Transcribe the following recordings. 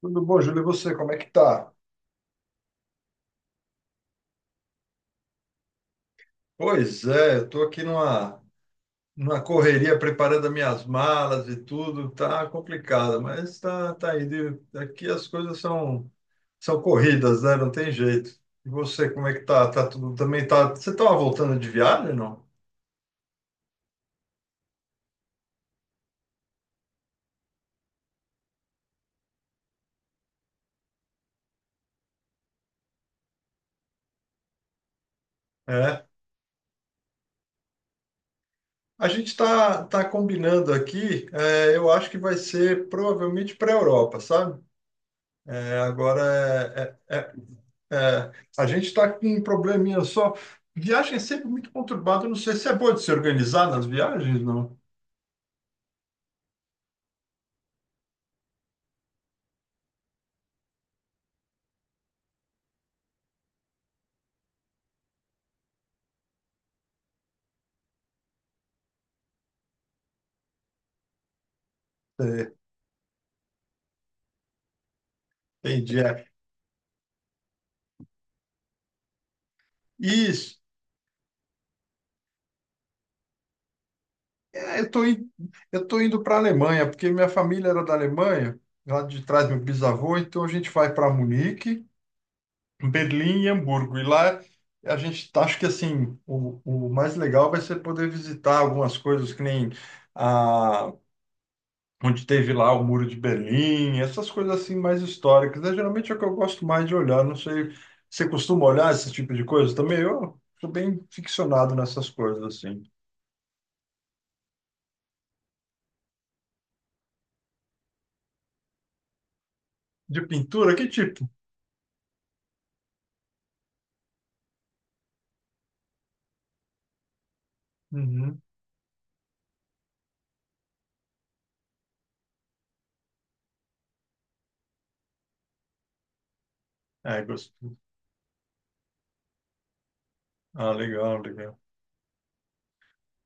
Tudo bom, Júlio? E você, como é que tá? Pois é, eu tô aqui numa correria preparando as minhas malas e tudo, tá complicado, mas tá indo. Aqui as coisas são corridas, né? Não tem jeito. E você, como é que tá? Tá tudo também tá. Você tava voltando de viagem, não? É. A gente tá combinando aqui, eu acho que vai ser provavelmente para a Europa, sabe? É, agora, é, é, é É, a gente está com um probleminha só. Viagem é sempre muito conturbada. Não sei se é bom de se organizar nas viagens, não. É, entendi. É. Isso. É, eu tô indo para a Alemanha, porque minha família era da Alemanha, lá de trás meu bisavô, então a gente vai para Munique, Berlim e Hamburgo. E lá a gente tá, acho que assim, o mais legal vai ser poder visitar algumas coisas que nem, onde teve lá o Muro de Berlim, essas coisas assim mais históricas, né? Geralmente é o que eu gosto mais de olhar, não sei, você costuma olhar esse tipo de coisa também? Eu sou bem ficcionado nessas coisas assim. De pintura, que tipo? Uhum. É, gosto. Ah, legal, legal.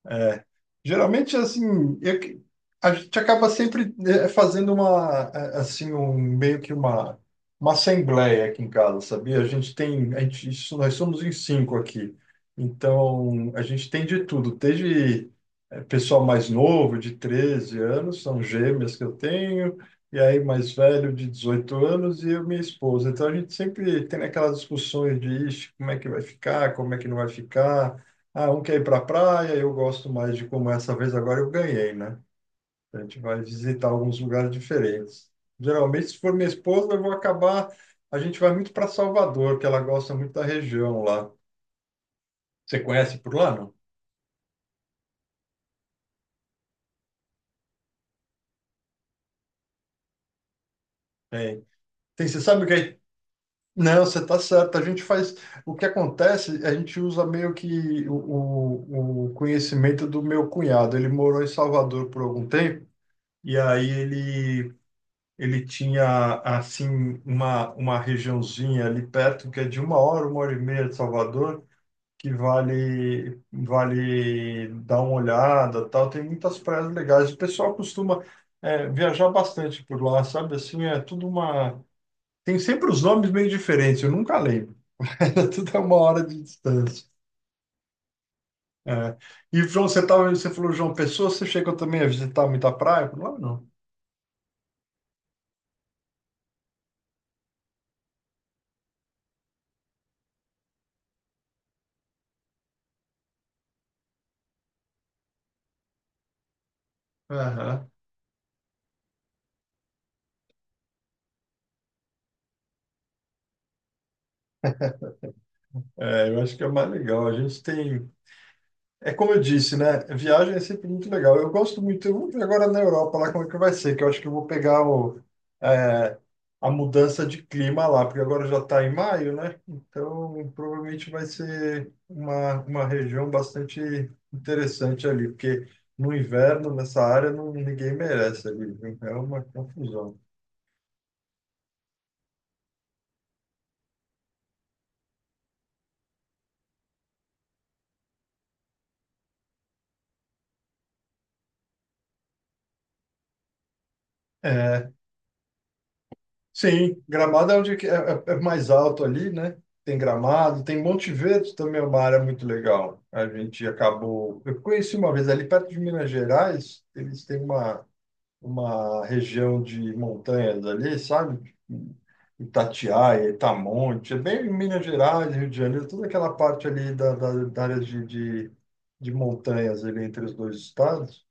É, geralmente, assim, a gente acaba sempre fazendo uma, assim, um, meio que uma assembleia aqui em casa, sabia? A gente tem, a gente, isso, nós somos em cinco aqui, então a gente tem de tudo, desde pessoal mais novo, de 13 anos, são gêmeas que eu tenho, e aí mais velho, de 18 anos, e eu, e minha esposa. Então a gente sempre tem aquelas discussões de: "Ixi, como é que vai ficar, como é que não vai ficar, ah, um quer ir para a praia, eu gosto mais de como essa vez agora eu ganhei, né? A gente vai visitar alguns lugares diferentes." Geralmente, se for minha esposa, eu vou acabar. A gente vai muito para Salvador, que ela gosta muito da região lá. Você conhece por lá, não? Tem. Tem, você sabe o que é? Não, você está certo. A gente faz. O que acontece, a gente usa meio que o conhecimento do meu cunhado. Ele morou em Salvador por algum tempo, e aí ele tinha, assim, uma regiãozinha ali perto, que é de uma hora e meia de Salvador, que vale dar uma olhada, tal. Tem muitas praias legais. O pessoal costuma, viajar bastante por lá, sabe? Assim, é tudo Tem sempre os nomes meio diferentes, eu nunca lembro. Era tudo a uma hora de distância. É. E, João, você tava, você falou, João Pessoa, você chegou também a visitar muita praia? Eu falei: "Não, não." Aham. É, eu acho que é mais legal. A gente tem É como eu disse, né? Viagem é sempre muito legal. Eu gosto muito, eu vou ver agora na Europa lá como é que vai ser, que eu acho que eu vou pegar é, a mudança de clima lá, porque agora já está em maio, né? Então provavelmente vai ser uma região bastante interessante ali, porque no inverno, nessa área, não, ninguém merece ali, viu? É uma confusão. É, sim, Gramado é onde que é, é mais alto ali, né? Tem Gramado, tem Monte Verde também, é uma área muito legal. A gente acabou. Eu conheci uma vez ali perto de Minas Gerais, eles têm uma região de montanhas ali, sabe? Itatiaia, Itamonte, é bem Minas Gerais, Rio de Janeiro, toda aquela parte ali da área de montanhas ali entre os dois estados.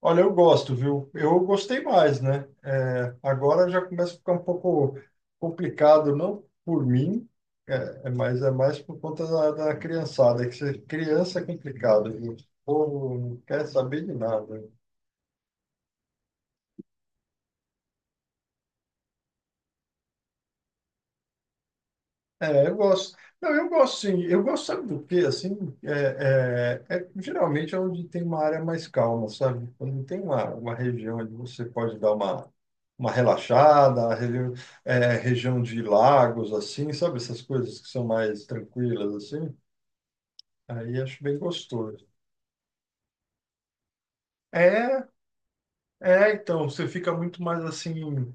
Olha, eu gosto, viu? Eu gostei mais, né? É, agora já começa a ficar um pouco complicado, não por mim, é mais por conta da criançada, que ser criança é complicado, viu? O povo não quer saber de nada. É, eu gosto. Não, eu gosto sim. Eu gosto, sabe do quê? Assim, geralmente é onde tem uma área mais calma, sabe? Quando tem uma região onde você pode dar uma relaxada, região de lagos, assim, sabe? Essas coisas que são mais tranquilas, assim. Aí acho bem gostoso. É, então, você fica muito mais assim,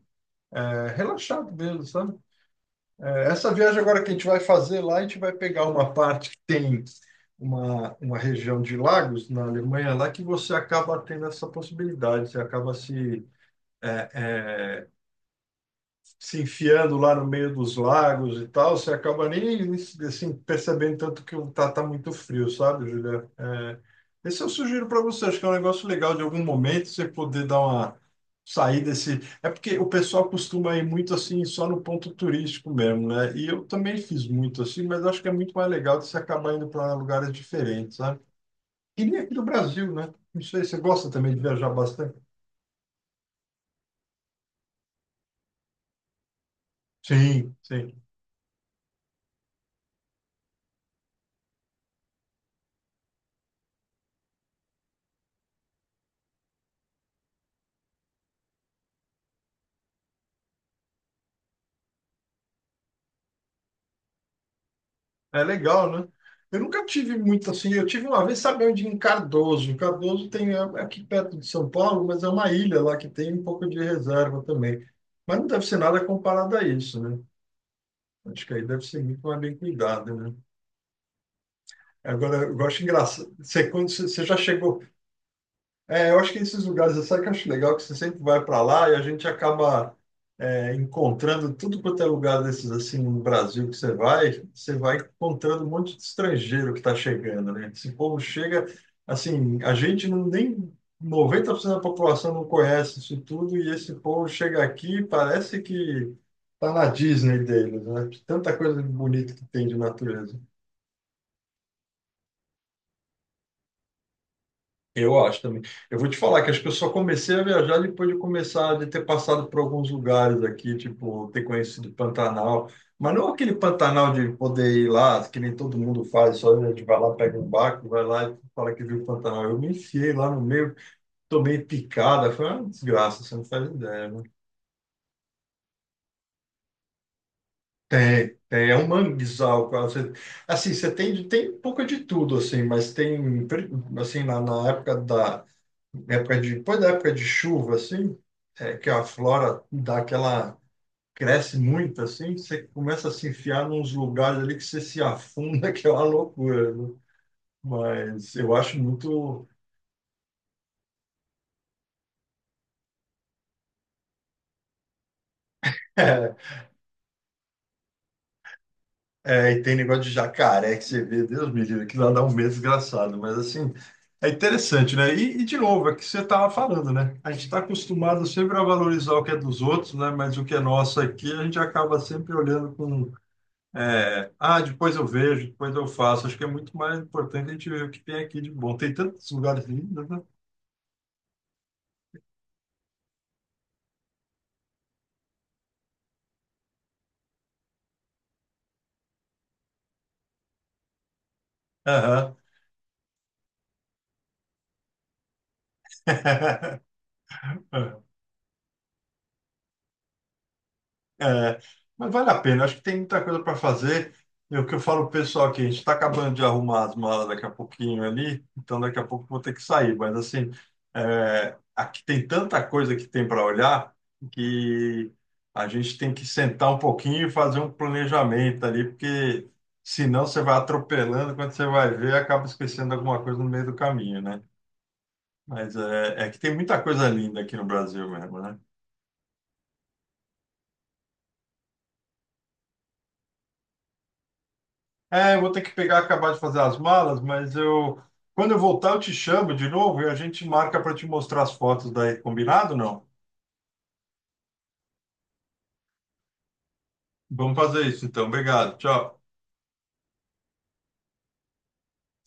relaxado mesmo, sabe? É, essa viagem agora que a gente vai fazer lá, a gente vai pegar uma parte que tem uma região de lagos na Alemanha lá que você acaba tendo essa possibilidade, você acaba se é, é, se enfiando lá no meio dos lagos e tal, você acaba nem assim, percebendo tanto que tá muito frio, sabe, Julia? É, esse eu sugiro para você, acho que é um negócio legal de algum momento você poder dar uma saída desse. É porque o pessoal costuma ir muito assim, só no ponto turístico mesmo, né? E eu também fiz muito assim, mas acho que é muito mais legal de você acabar indo para lugares diferentes, sabe? E nem aqui do Brasil, né? Não sei, você gosta também de viajar bastante? Sim, sim. É legal, né? Eu nunca tive muito assim. Eu tive uma vez, sabe onde? Em Cardoso. Cardoso tem é é aqui perto de São Paulo, mas é uma ilha lá que tem um pouco de reserva também. Mas não deve ser nada comparado a isso, né? Acho que aí deve ser muito mais bem cuidado, né? Agora, eu acho engraçado. Quando você já chegou. É, eu acho que esses lugares, sabe que eu acho legal que você sempre vai para lá e a gente acaba. Encontrando tudo quanto é lugar desses assim no Brasil, que você vai, encontrando um monte de estrangeiro que está chegando, né? Esse povo chega, assim, a gente não nem 90% da população não conhece isso tudo, e esse povo chega aqui e parece que tá na Disney deles, né? Tanta coisa bonita que tem de natureza. Eu acho também. Eu vou te falar que acho que eu só comecei a viajar depois de começar de ter passado por alguns lugares aqui, tipo, ter conhecido Pantanal, mas não aquele Pantanal de poder ir lá, que nem todo mundo faz, só a gente vai lá, pega um barco, vai lá e fala que viu Pantanal. Eu me enfiei lá no meio, tomei picada, foi uma desgraça, você não faz ideia, né? Tem, é um manguezal, cara. Você, assim, você tem um pouco de tudo, assim, mas tem, assim, na época da época de, depois da época de chuva, assim, que a flora dá aquela, cresce muito, assim, você começa a se enfiar nos lugares ali que você se afunda, que é uma loucura, né? Mas eu acho muito. É, e tem negócio de jacaré que você vê, Deus me livre, que lá dá um medo desgraçado, mas assim, é interessante, né? E, de novo, é o que você estava falando, né? A gente está acostumado sempre a valorizar o que é dos outros, né? Mas o que é nosso aqui, a gente acaba sempre olhando com: "Ah, depois eu vejo, depois eu faço." Acho que é muito mais importante a gente ver o que tem aqui de bom. Tem tantos lugares lindos, né? Aham. É, mas vale a pena, acho que tem muita coisa para fazer. É o que eu falo pro pessoal aqui, a gente está acabando de arrumar as malas daqui a pouquinho ali, então daqui a pouco eu vou ter que sair. Mas assim, aqui tem tanta coisa que tem para olhar, que a gente tem que sentar um pouquinho e fazer um planejamento ali, porque senão você vai atropelando, quando você vai ver, acaba esquecendo alguma coisa no meio do caminho, né? Mas é que tem muita coisa linda aqui no Brasil mesmo, né? É, eu vou ter que pegar, acabar de fazer as malas, mas eu, quando eu voltar, eu te chamo de novo e a gente marca para te mostrar as fotos daí, combinado? Não? Vamos fazer isso então. Obrigado. Tchau.